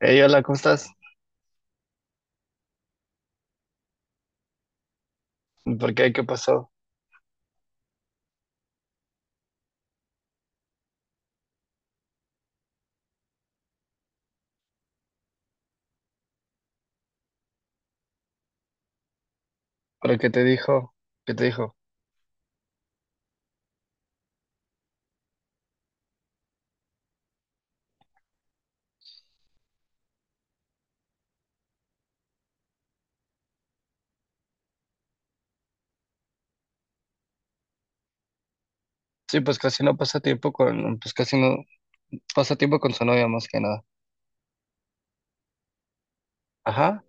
Hey, hola, ¿cómo estás? ¿Por qué? ¿Qué pasó? ¿Pero qué te dijo? ¿Qué te dijo? Sí, pues casi no pasa tiempo con, pues casi no pasa tiempo con su novia más que nada. Ajá.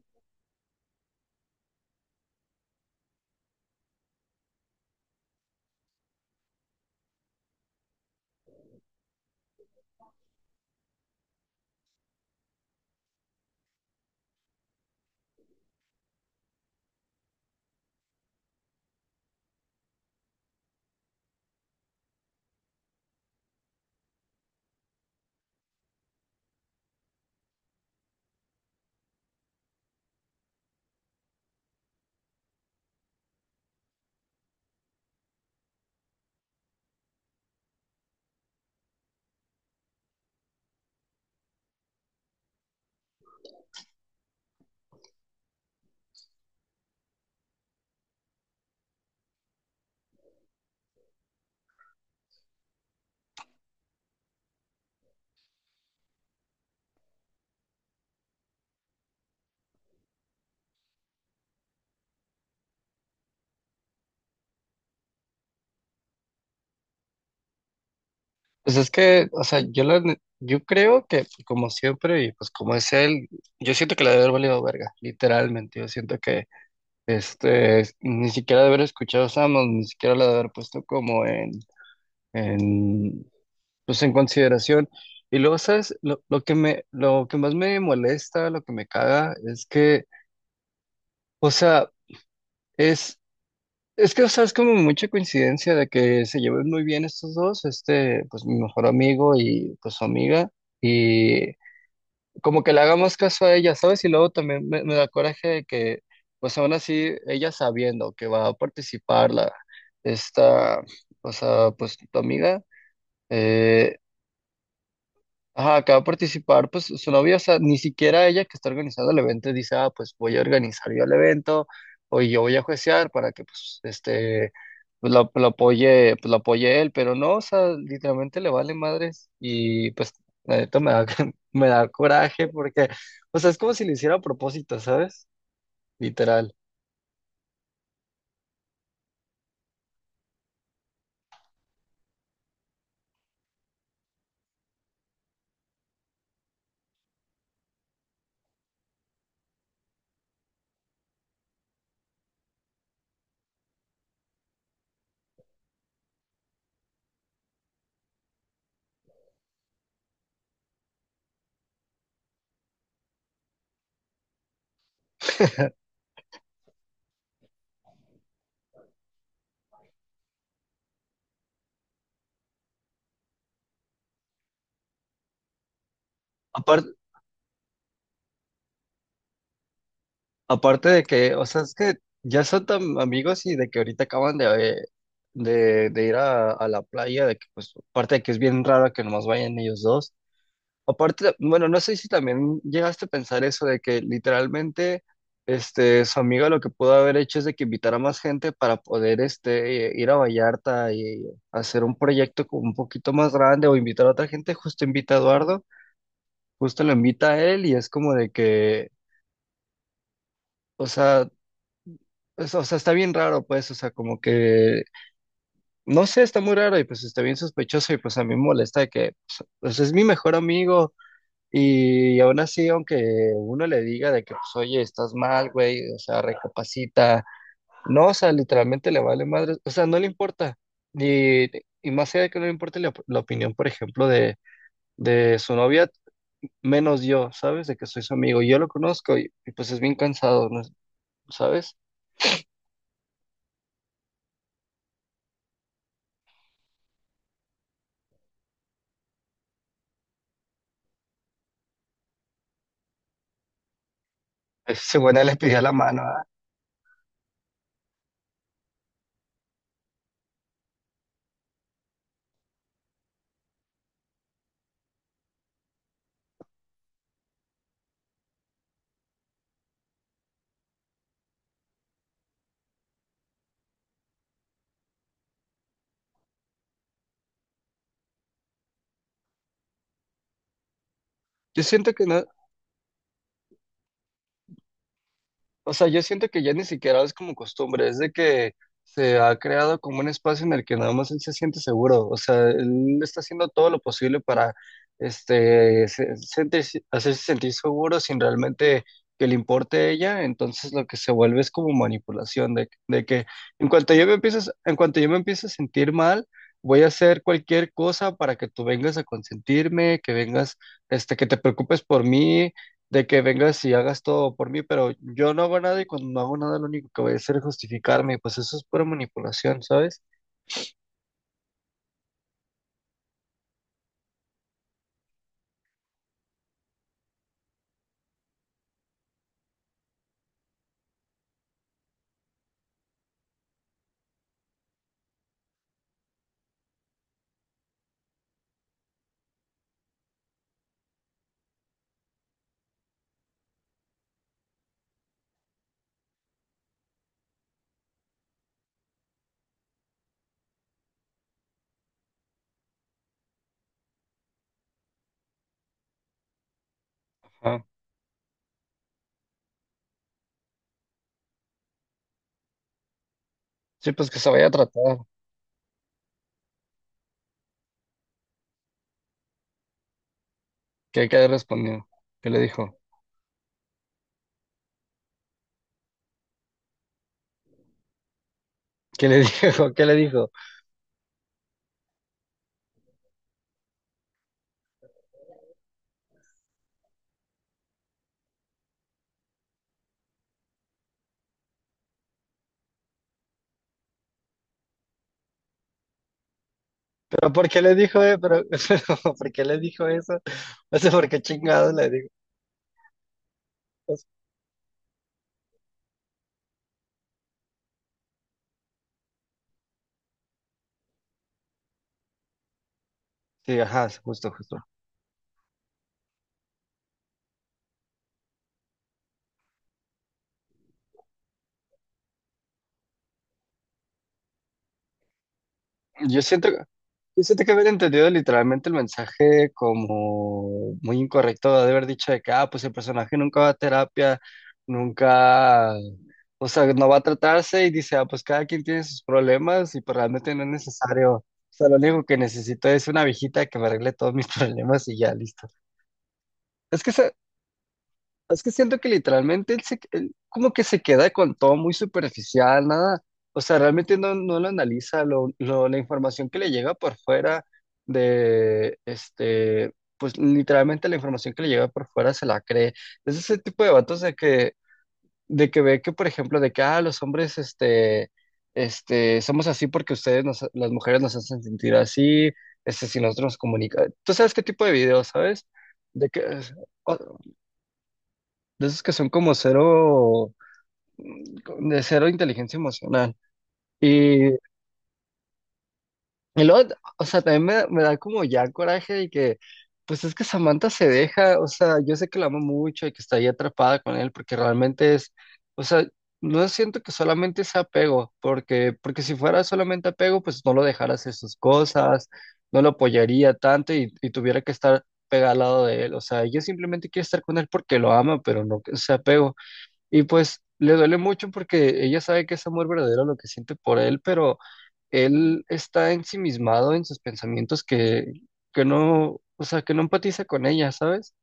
Pues es que, o sea, yo creo que como siempre y pues como es él, yo siento que la debe haber valido verga, literalmente. Yo siento que, ni siquiera de haber escuchado a Samos, ni siquiera la de haber puesto como en, pues en consideración. Y luego, ¿sabes? Lo que más me molesta, lo que me caga, es que. O sea, es, o sea, es como mucha coincidencia de que se lleven muy bien estos dos, pues mi mejor amigo y pues su amiga, y como que le hagamos caso a ella, ¿sabes? Y luego también me da coraje de que, pues aún así, ella sabiendo que va a participar esta, o sea, pues tu amiga, eh, ajá, acaba de participar, pues su novia, o sea, ni siquiera ella que está organizando el evento dice, ah, pues voy a organizar yo el evento, o yo voy a juiciar para que, pues, pues lo apoye, pues lo apoye él, pero no, o sea, literalmente le vale madres, y pues, la neta me da coraje, porque, o sea, es como si lo hiciera a propósito, ¿sabes? Literal. Aparte de que, o sea, es que ya son tan amigos y de que ahorita acaban de ir a la playa, de que pues, aparte de que es bien raro que nomás vayan ellos dos. Aparte, bueno, no sé si también llegaste a pensar eso de que literalmente, su amiga lo que pudo haber hecho es de que invitara a más gente para poder, ir a Vallarta y hacer un proyecto como un poquito más grande o invitar a otra gente, justo invita a Eduardo, justo lo invita a él y es como de que. O sea, pues, o sea, está bien raro, pues, o sea, como que, no sé, está muy raro y pues está bien sospechoso y pues a mí me molesta de que, pues, pues, es mi mejor amigo y aún así, aunque uno le diga de que, pues, oye, estás mal, güey, o sea, recapacita, no, o sea, literalmente le vale madre, o sea, no le importa. Y, y más allá de que no le importe la, la opinión, por ejemplo, de su novia, menos yo, ¿sabes? De que soy su amigo, yo lo conozco pues es bien cansado, ¿no? ¿Sabes? Ese bueno le pidió la mano. ¿Ah? Yo siento que no, o sea, yo siento que ya ni siquiera es como costumbre, es de que se ha creado como un espacio en el que nada más él se siente seguro, o sea, él está haciendo todo lo posible para hacerse sentir seguro sin realmente que le importe ella, entonces lo que se vuelve es como manipulación de que en cuanto yo me empiezo a sentir mal, voy a hacer cualquier cosa para que tú vengas a consentirme, que vengas, que te preocupes por mí de que vengas y hagas todo por mí, pero yo no hago nada y cuando no hago nada lo único que voy a hacer es justificarme, y pues eso es pura manipulación, ¿sabes? Ajá. Sí, pues que se vaya a tratar, que quede respondido. ¿Qué le dijo? ¿Qué le dijo? ¿Qué le dijo? ¿Pero por qué le dijo, eh? ¿Pero, pero por qué le dijo eso? No sé por qué chingados le dijo eso. Sí, ajá, justo, justo. Yo siento, Yo siento que haber entendido literalmente el mensaje como muy incorrecto de haber dicho de que, ah, pues el personaje nunca va a terapia, nunca, o sea, no va a tratarse y dice, ah, pues cada quien tiene sus problemas y pues realmente no es necesario. O sea, lo único que necesito es una viejita que me arregle todos mis problemas y ya, listo. Es que, es que siento que literalmente él como que se queda con todo muy superficial, nada. O sea, realmente no lo analiza, la información que le llega por fuera de, este, pues literalmente la información que le llega por fuera se la cree. Es ese tipo de vatos de que, ve que, por ejemplo, de que, ah, los hombres, somos así porque ustedes, las mujeres nos hacen sentir así, si nosotros nos comunicamos. ¿Tú sabes qué tipo de videos, sabes? De que, de esos que son como de cero inteligencia emocional. Y, y luego, o sea, también me da como ya coraje de que, pues es que Samantha se deja, o sea, yo sé que la amo mucho y que está ahí atrapada con él, porque realmente es, o sea, no siento que solamente sea apego, porque si fuera solamente apego, pues no lo dejara hacer sus cosas, no lo apoyaría tanto y tuviera que estar pegada al lado de él, o sea, ella simplemente quiere estar con él porque lo ama, pero no que sea apego. Y pues le duele mucho porque ella sabe que es amor verdadero lo que siente por él, pero él está ensimismado en sus pensamientos que no, o sea, que no empatiza con ella, ¿sabes?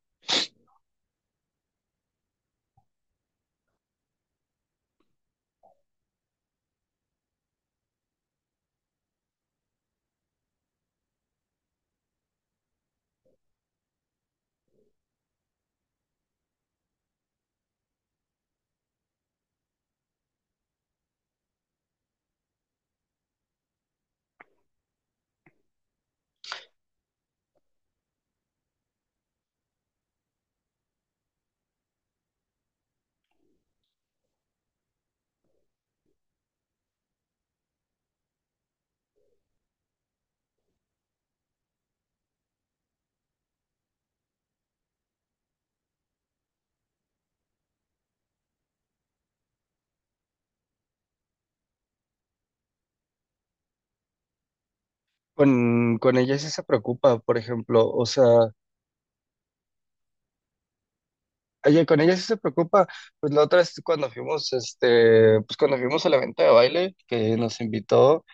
Con ella sí se preocupa, por ejemplo, o sea, con ella sí se preocupa, pues la otra es cuando fuimos al evento de baile que nos invitó.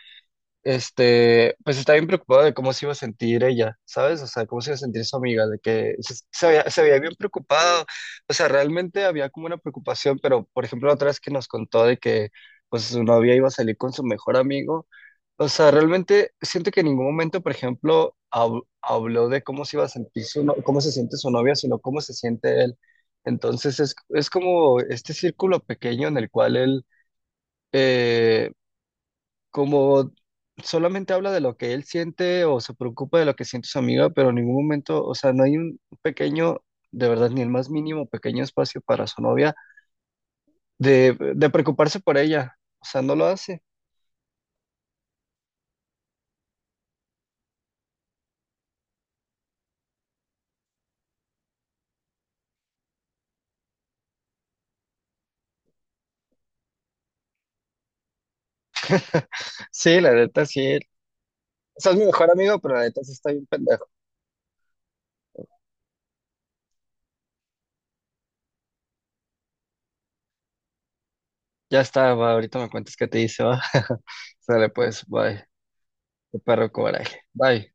Pues estaba bien preocupada de cómo se iba a sentir ella, ¿sabes? O sea, cómo se iba a sentir su amiga, de que se había bien preocupado, o sea, realmente había como una preocupación, pero por ejemplo, la otra vez que nos contó de que pues su novia iba a salir con su mejor amigo, o sea, realmente siento que en ningún momento, por ejemplo, habló de cómo se iba a sentir su, no- cómo se siente su novia, sino cómo se siente él. Entonces es como este círculo pequeño en el cual él, eh, como solamente habla de lo que él siente o se preocupa de lo que siente su amiga, pero en ningún momento, o sea, no hay un pequeño, de verdad, ni el más mínimo pequeño espacio para su novia de preocuparse por ella. O sea, no lo hace. Sí, la neta, sí. O sea, es mi mejor amigo, pero la neta sí está bien pendejo. Ya está, va, ahorita me cuentas qué te dice, va. Sale pues, bye. Qué perro coraje. Bye.